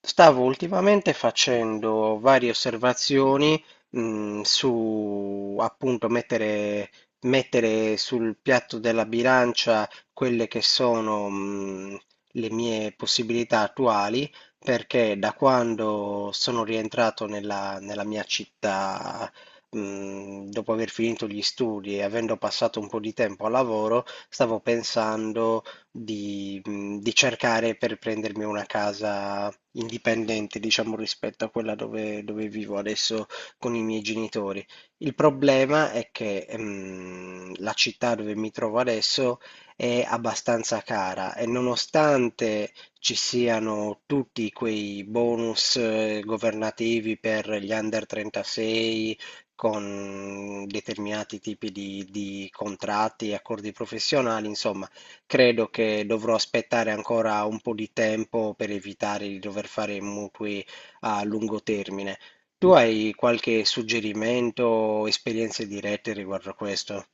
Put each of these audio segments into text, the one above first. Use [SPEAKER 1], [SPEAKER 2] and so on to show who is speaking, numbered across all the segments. [SPEAKER 1] Stavo ultimamente facendo varie osservazioni, su appunto mettere sul piatto della bilancia quelle che sono, le mie possibilità attuali, perché da quando sono rientrato nella mia città, dopo aver finito gli studi e avendo passato un po' di tempo al lavoro, stavo pensando di cercare per prendermi una casa indipendente, diciamo, rispetto a quella dove vivo adesso con i miei genitori. Il problema è che, la città dove mi trovo adesso è abbastanza cara, e nonostante ci siano tutti quei bonus governativi per gli under 36 con determinati tipi di contratti e accordi professionali, insomma, credo che dovrò aspettare ancora un po' di tempo per evitare di dover fare mutui a lungo termine. Tu hai qualche suggerimento o esperienze dirette riguardo a questo?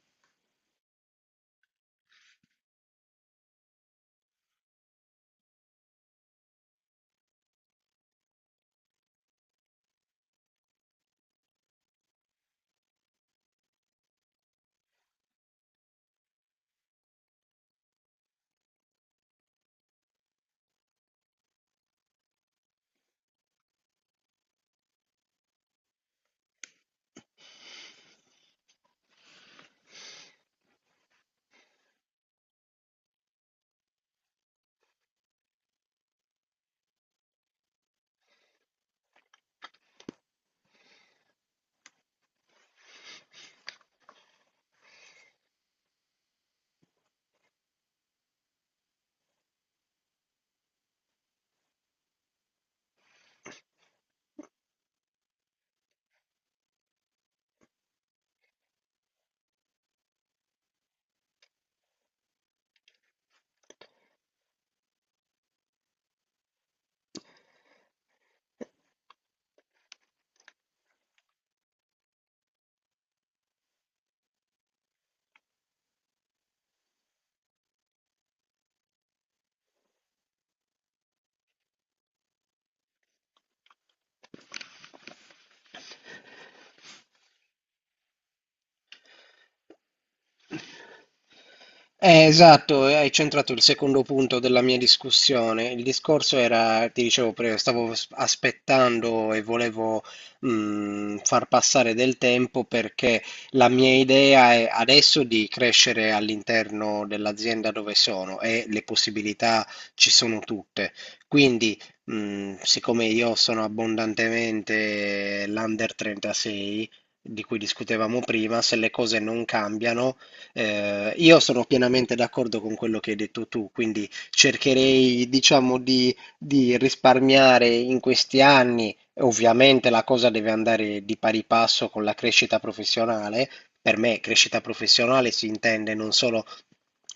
[SPEAKER 1] Esatto, e hai centrato il secondo punto della mia discussione. Il discorso era, ti dicevo prima, stavo aspettando e volevo far passare del tempo, perché la mia idea è adesso di crescere all'interno dell'azienda dove sono, e le possibilità ci sono tutte. Quindi, siccome io sono abbondantemente l'under 36, di cui discutevamo prima, se le cose non cambiano, io sono pienamente d'accordo con quello che hai detto tu, quindi cercherei, diciamo, di risparmiare in questi anni. Ovviamente la cosa deve andare di pari passo con la crescita professionale. Per me crescita professionale si intende non solo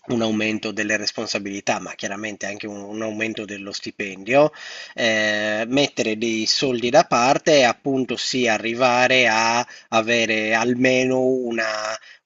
[SPEAKER 1] un aumento delle responsabilità, ma chiaramente anche un aumento dello stipendio, mettere dei soldi da parte e appunto sì, arrivare a avere almeno una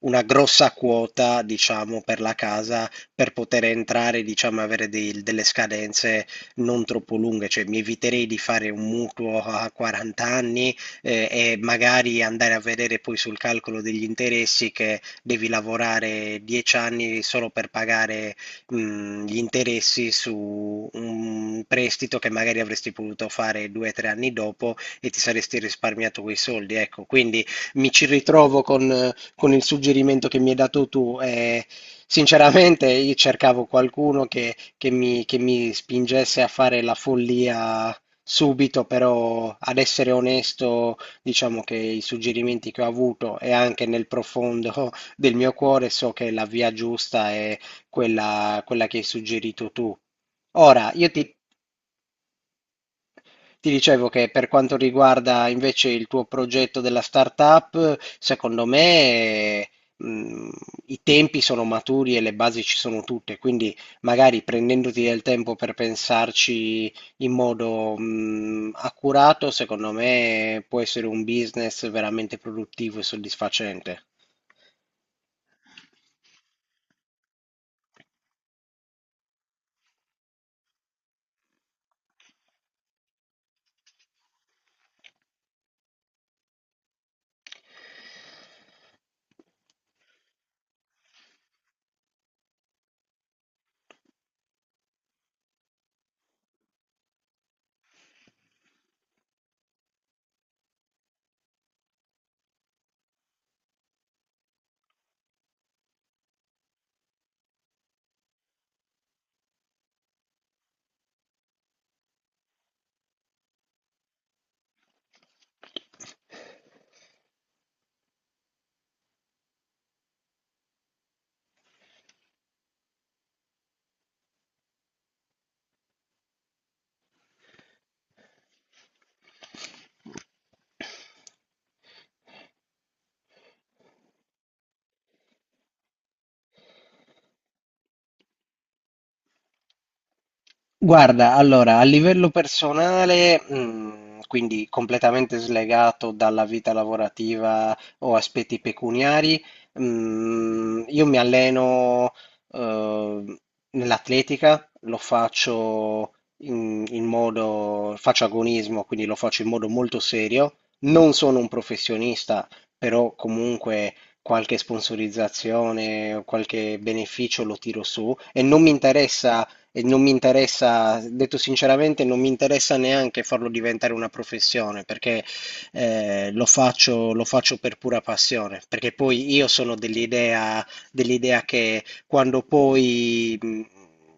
[SPEAKER 1] grossa quota, diciamo, per la casa, per poter entrare, diciamo, avere delle scadenze non troppo lunghe, cioè mi eviterei di fare un mutuo a 40 anni, e magari andare a vedere poi sul calcolo degli interessi, che devi lavorare 10 anni solo per pagare gli interessi su un prestito che magari avresti potuto fare 2-3 anni dopo e ti saresti risparmiato quei soldi, ecco. Quindi mi ci ritrovo con il suggerimento che mi hai dato tu. Sinceramente, io cercavo qualcuno che mi spingesse a fare la follia subito, però ad essere onesto, diciamo che i suggerimenti che ho avuto, e anche nel profondo del mio cuore, so che la via giusta è quella, quella che hai suggerito tu. Ora, io ti dicevo che per quanto riguarda invece il tuo progetto della startup, secondo me, mh, i tempi sono maturi e le basi ci sono tutte, quindi magari prendendoti del tempo per pensarci in modo, accurato, secondo me può essere un business veramente produttivo e soddisfacente. Guarda, allora, a livello personale, quindi completamente slegato dalla vita lavorativa o aspetti pecuniari, io mi alleno, eh, nell'atletica. Lo faccio in modo, faccio agonismo, quindi lo faccio in modo molto serio. Non sono un professionista, però comunque qualche sponsorizzazione o qualche beneficio lo tiro su, e non mi interessa e non mi interessa, detto sinceramente, non mi interessa neanche farlo diventare una professione, perché lo faccio per pura passione, perché poi io sono dell'idea che quando poi.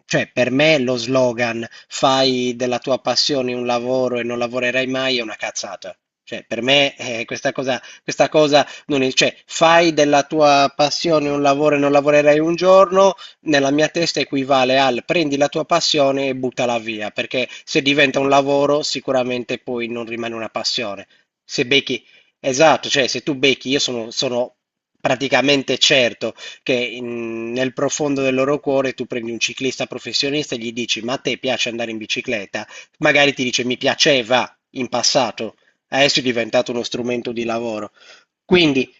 [SPEAKER 1] Cioè, per me lo slogan «fai della tua passione un lavoro e non lavorerai mai» è una cazzata. Cioè, per me questa cosa non è, cioè, «fai della tua passione un lavoro e non lavorerai un giorno», nella mia testa equivale al «prendi la tua passione e buttala via», perché se diventa un lavoro sicuramente poi non rimane una passione. Se becchi, esatto, cioè se tu becchi, io sono praticamente certo che nel profondo del loro cuore, tu prendi un ciclista professionista e gli dici, ma a te piace andare in bicicletta? Magari ti dice, mi piaceva in passato, adesso è diventato uno strumento di lavoro. Quindi,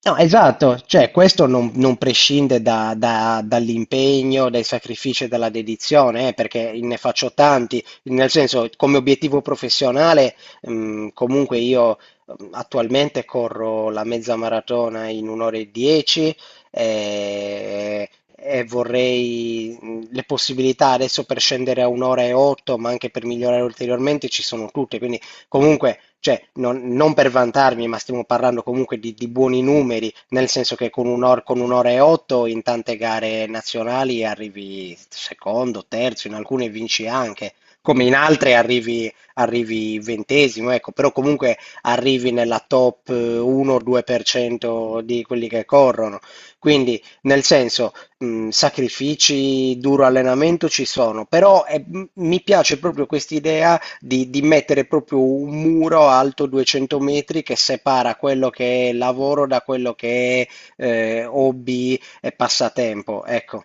[SPEAKER 1] no, esatto, cioè questo non prescinde dall'impegno, dai sacrifici e dalla dedizione, perché ne faccio tanti, nel senso, come obiettivo professionale, comunque io attualmente corro la mezza maratona in 1:10, eh, e vorrei le possibilità adesso per scendere a 1:08, ma anche per migliorare ulteriormente ci sono tutte. Quindi, comunque, cioè, non per vantarmi, ma stiamo parlando comunque di buoni numeri, nel senso che con 1:08 in tante gare nazionali arrivi secondo, terzo, in alcune vinci anche, come in altre arrivi ventesimo, ecco, però comunque arrivi nella top 1-2% di quelli che corrono. Quindi, nel senso, sacrifici, duro allenamento ci sono, però mi piace proprio quest'idea di mettere proprio un muro alto 200 metri che separa quello che è lavoro da quello che è, hobby e passatempo. Ecco,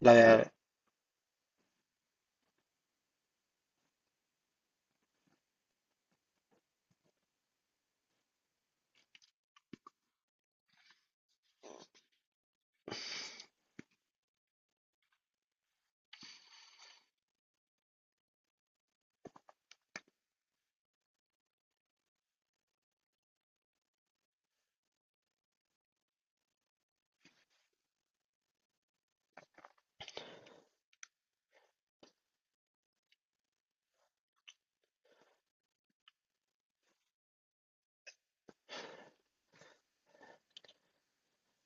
[SPEAKER 1] la-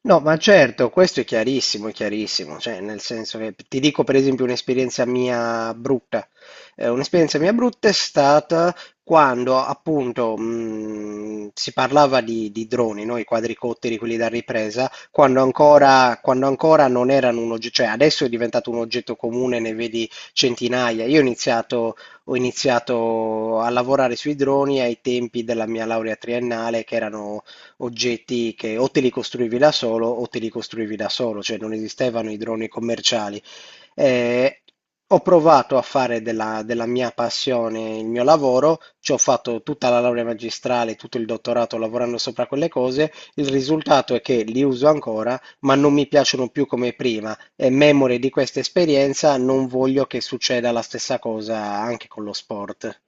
[SPEAKER 1] no, ma certo, questo è chiarissimo, cioè nel senso che ti dico per esempio un'esperienza mia brutta. Un'esperienza mia brutta è stata quando appunto si parlava di droni, no? I quadricotteri, quelli da ripresa, quando ancora non erano un oggetto, cioè adesso è diventato un oggetto comune, ne vedi centinaia. Ho iniziato a lavorare sui droni ai tempi della mia laurea triennale, che erano oggetti che o te li costruivi da solo o te li costruivi da solo, cioè non esistevano i droni commerciali. Eh, Ho provato a fare della mia passione il mio lavoro, ci ho fatto tutta la laurea magistrale, tutto il dottorato lavorando sopra quelle cose. Il risultato è che li uso ancora, ma non mi piacciono più come prima. E memore di questa esperienza, non voglio che succeda la stessa cosa anche con lo sport.